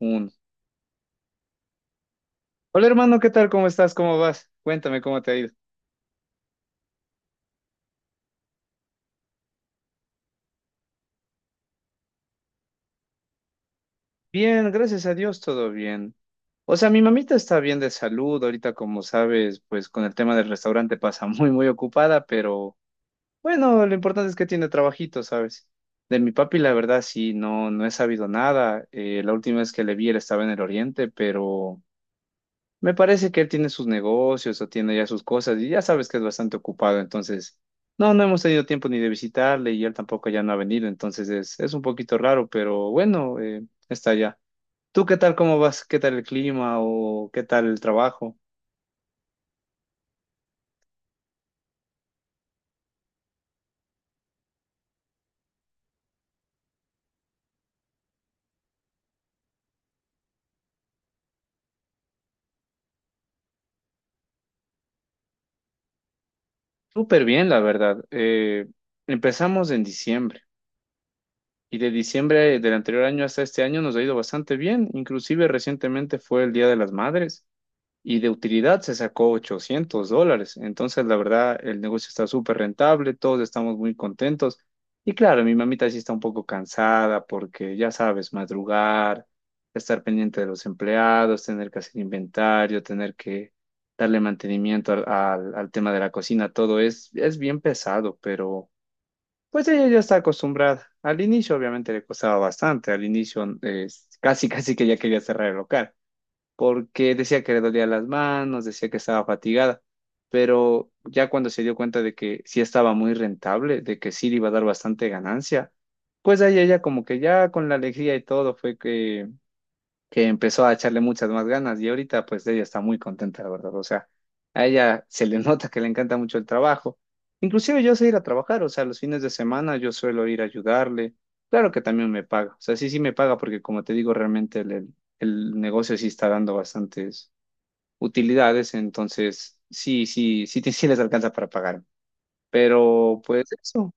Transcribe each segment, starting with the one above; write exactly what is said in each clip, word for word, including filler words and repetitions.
Uno. Hola hermano, ¿qué tal? ¿Cómo estás? ¿Cómo vas? Cuéntame cómo te ha ido. Bien, gracias a Dios, todo bien. O sea, mi mamita está bien de salud, ahorita como sabes, pues con el tema del restaurante pasa muy, muy ocupada, pero bueno, lo importante es que tiene trabajito, ¿sabes? De mi papi, la verdad, sí, no, no he sabido nada. Eh, la última vez que le vi, él estaba en el oriente, pero. Me parece que él tiene sus negocios o tiene ya sus cosas y ya sabes que es bastante ocupado, entonces no, no hemos tenido tiempo ni de visitarle y él tampoco ya no ha venido, entonces es, es un poquito raro, pero bueno, eh, está ya. ¿Tú qué tal, cómo vas? ¿Qué tal el clima o qué tal el trabajo? Súper bien, la verdad. Eh, empezamos en diciembre y de diciembre del anterior año hasta este año nos ha ido bastante bien, inclusive recientemente fue el Día de las Madres. Y de utilidad se sacó ochocientos dólares. Entonces, la verdad, el negocio está súper rentable, todos estamos muy contentos. Y claro, mi mamita sí está un poco cansada porque, ya sabes, madrugar, estar pendiente de los empleados, tener que hacer inventario, tener que darle mantenimiento al, al- al tema de la cocina, todo es, es bien pesado, pero pues ella ya está acostumbrada. Al inicio, obviamente, le costaba bastante. Al inicio, eh, casi, casi que ya quería cerrar el local porque decía que le dolía las manos, decía que estaba fatigada, pero ya cuando se dio cuenta de que sí estaba muy rentable, de que sí le iba a dar bastante ganancia, pues ahí ella como que ya con la alegría y todo fue que que empezó a echarle muchas más ganas y ahorita pues ella está muy contenta, la verdad. O sea, a ella se le nota que le encanta mucho el trabajo. Inclusive yo sé ir a trabajar, o sea, los fines de semana yo suelo ir a ayudarle. Claro que también me paga, o sea, sí, sí me paga porque como te digo, realmente el, el, el negocio sí está dando bastantes utilidades, entonces sí, sí, sí, sí, sí les alcanza para pagar. Pero pues eso,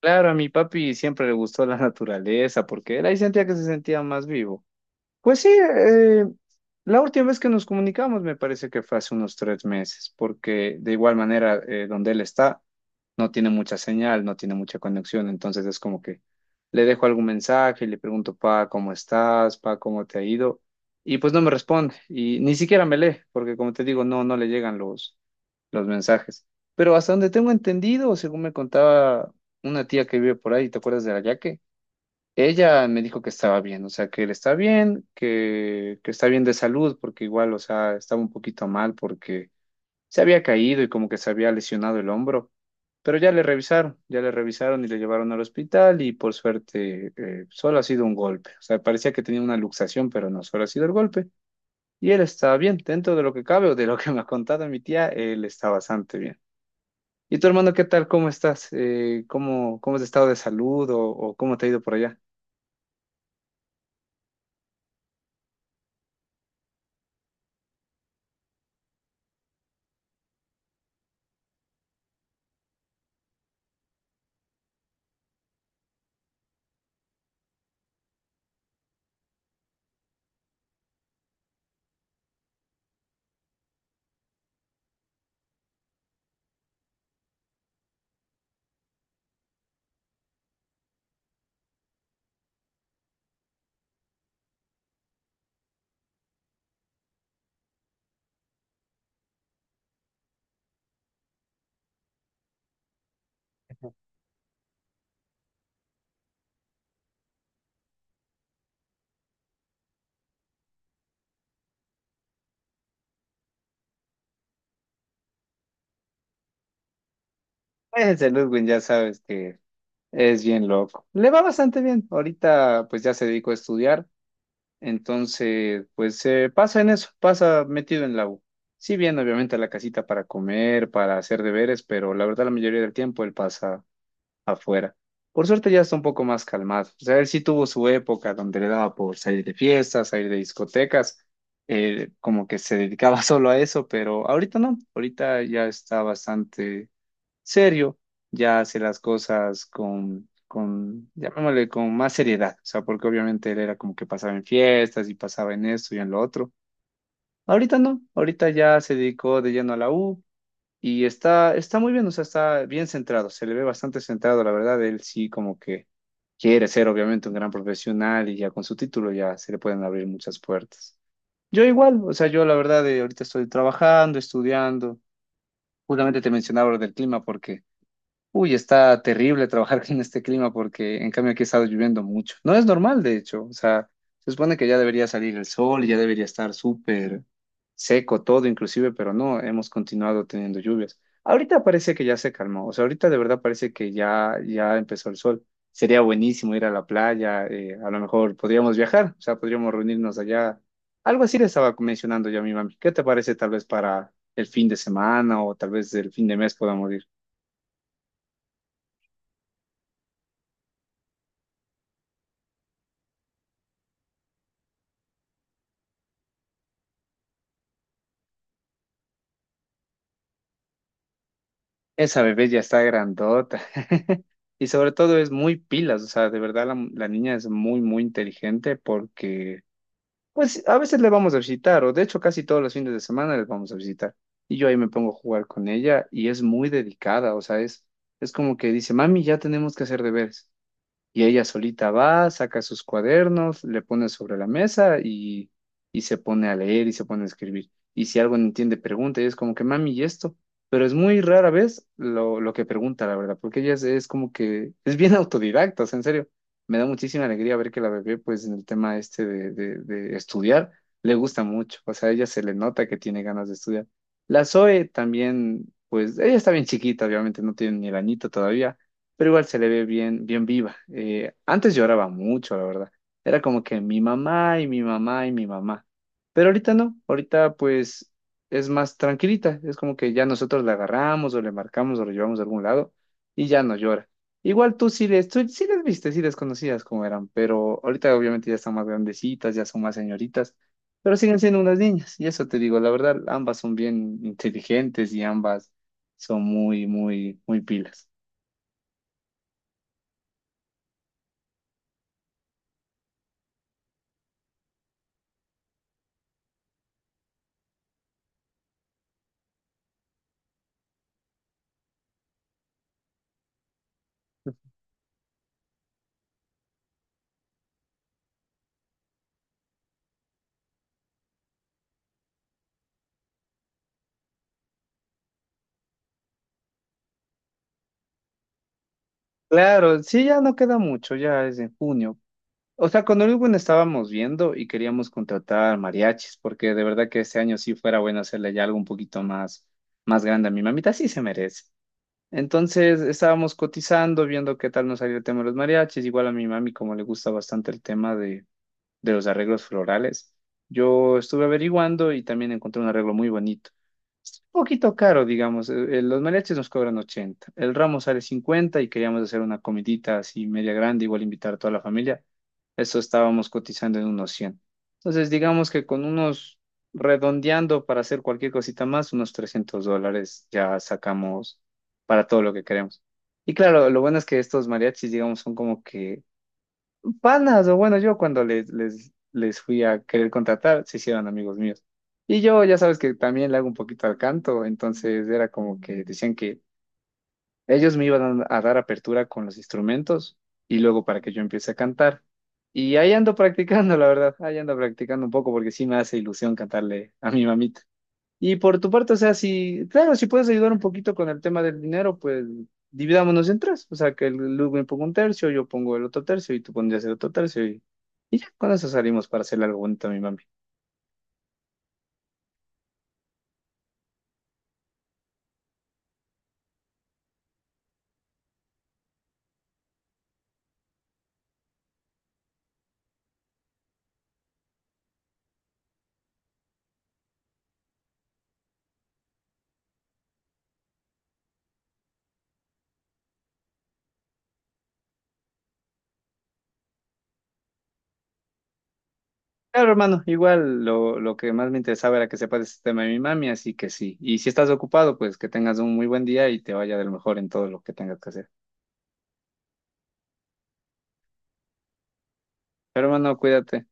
claro, a mi papi siempre le gustó la naturaleza porque él ahí sentía que se sentía más vivo. Pues sí, eh, la última vez que nos comunicamos me parece que fue hace unos tres meses, porque de igual manera eh, donde él está no tiene mucha señal, no tiene mucha conexión, entonces es como que le dejo algún mensaje y le pregunto, pa, ¿cómo estás? Pa, ¿cómo te ha ido? Y pues no me responde y ni siquiera me lee, porque como te digo, no, no le llegan los, los mensajes. Pero hasta donde tengo entendido, según me contaba una tía que vive por ahí, ¿te acuerdas de la Yaque? Ella me dijo que estaba bien, o sea, que él está bien, que, que está bien de salud, porque igual, o sea, estaba un poquito mal porque se había caído y como que se había lesionado el hombro, pero ya le revisaron, ya le revisaron y le llevaron al hospital y por suerte eh, solo ha sido un golpe, o sea, parecía que tenía una luxación, pero no, solo ha sido el golpe y él está bien, dentro de lo que cabe o de lo que me ha contado mi tía, él está bastante bien. ¿Y tu hermano qué tal? ¿Cómo estás? Eh, ¿cómo, cómo es el estado de salud o, o cómo te ha ido por allá? Ese Ludwig ya sabes que es bien loco. Le va bastante bien. Ahorita pues ya se dedicó a estudiar, entonces pues se pasa en eso, pasa metido en la U. Sí bien, obviamente a la casita para comer, para hacer deberes, pero la verdad la mayoría del tiempo él pasa afuera. Por suerte ya está un poco más calmado. O sea, él sí tuvo su época donde le daba por salir de fiestas, salir de discotecas, eh, como que se dedicaba solo a eso, pero ahorita no, ahorita ya está bastante serio, ya hace las cosas con, con, llamémosle, con más seriedad, o sea, porque obviamente él era como que pasaba en fiestas y pasaba en esto y en lo otro. Ahorita no, ahorita ya se dedicó de lleno a la U y está, está muy bien, o sea, está bien centrado, se le ve bastante centrado, la verdad, él sí como que quiere ser obviamente un gran profesional y ya con su título ya se le pueden abrir muchas puertas. Yo igual, o sea, yo la verdad, eh, ahorita estoy trabajando, estudiando, justamente te mencionaba lo del clima porque. Uy, está terrible trabajar en este clima porque en cambio aquí ha estado lloviendo mucho. No es normal, de hecho. O sea, se supone que ya debería salir el sol y ya debería estar súper seco todo, inclusive, pero no, hemos continuado teniendo lluvias. Ahorita parece que ya se calmó. O sea, ahorita de verdad parece que ya, ya empezó el sol. Sería buenísimo ir a la playa, eh, a lo mejor podríamos viajar, o sea, podríamos reunirnos allá. Algo así le estaba mencionando yo a mi mami. ¿Qué te parece tal vez para el fin de semana o tal vez el fin de mes podamos ir? Esa bebé ya está grandota. Y sobre todo es muy pilas, o sea, de verdad la, la niña es muy, muy inteligente porque, pues, a veces le vamos a visitar, o de hecho casi todos los fines de semana les vamos a visitar. Y yo ahí me pongo a jugar con ella y es muy dedicada, o sea, es, es como que dice, mami, ya tenemos que hacer deberes. Y ella solita va, saca sus cuadernos, le pone sobre la mesa y, y se pone a leer y se pone a escribir. Y si algo no entiende, pregunta. Y es como que, mami, ¿y esto? Pero es muy rara vez lo, lo que pregunta, la verdad, porque ella es, es como que es bien autodidacta, o sea, en serio. Me da muchísima alegría ver que la bebé, pues en el tema este de, de, de estudiar, le gusta mucho. O sea, a ella se le nota que tiene ganas de estudiar. La Zoe también, pues ella está bien chiquita, obviamente no tiene ni el añito todavía pero igual se le ve bien, bien viva. Eh, antes lloraba mucho, la verdad. Era como que mi mamá y mi mamá y mi mamá. Pero ahorita no, ahorita pues es más tranquilita. Es como que ya nosotros la agarramos o le marcamos o lo llevamos a algún lado y ya no llora. Igual tú sí les, tú sí les viste, sí les conocías como eran, pero ahorita obviamente ya están más grandecitas, ya son más señoritas, pero siguen siendo unas niñas. Y eso te digo, la verdad, ambas son bien inteligentes y ambas son muy, muy, muy pilas. Claro, sí, ya no queda mucho, ya es en junio. O sea, con Urban estábamos viendo y queríamos contratar mariachis, porque de verdad que este año sí fuera bueno hacerle ya algo un poquito más, más grande a mi mamita, sí se merece. Entonces estábamos cotizando, viendo qué tal nos salía el tema de los mariachis. Igual a mi mami, como le gusta bastante el tema de, de los arreglos florales, yo estuve averiguando y también encontré un arreglo muy bonito poquito caro, digamos. eh, eh, Los mariachis nos cobran ochenta. El ramo sale cincuenta y queríamos hacer una comidita así media grande, igual invitar a toda la familia. Eso estábamos cotizando en unos cien. Entonces, digamos que con unos, redondeando para hacer cualquier cosita más, unos trescientos dólares ya sacamos para todo lo que queremos. Y claro, lo bueno es que estos mariachis, digamos, son como que panas, o bueno, yo cuando les, les, les fui a querer contratar, se hicieron amigos míos. Y yo ya sabes que también le hago un poquito al canto, entonces era como que decían que ellos me iban a dar apertura con los instrumentos y luego para que yo empiece a cantar. Y ahí ando practicando, la verdad, ahí ando practicando un poco porque sí me hace ilusión cantarle a mi mamita. Y por tu parte, o sea, si, claro, si puedes ayudar un poquito con el tema del dinero, pues dividámonos en tres. O sea, que el Luke me ponga un tercio, yo pongo el otro tercio y tú pondrías el otro tercio y, y ya, con eso salimos para hacerle algo bonito a mi mami. Claro, hermano, igual lo, lo que más me interesaba era que sepas este tema de mi mami, así que sí. Y si estás ocupado, pues que tengas un muy buen día y te vaya del mejor en todo lo que tengas que hacer. Pero, hermano, cuídate.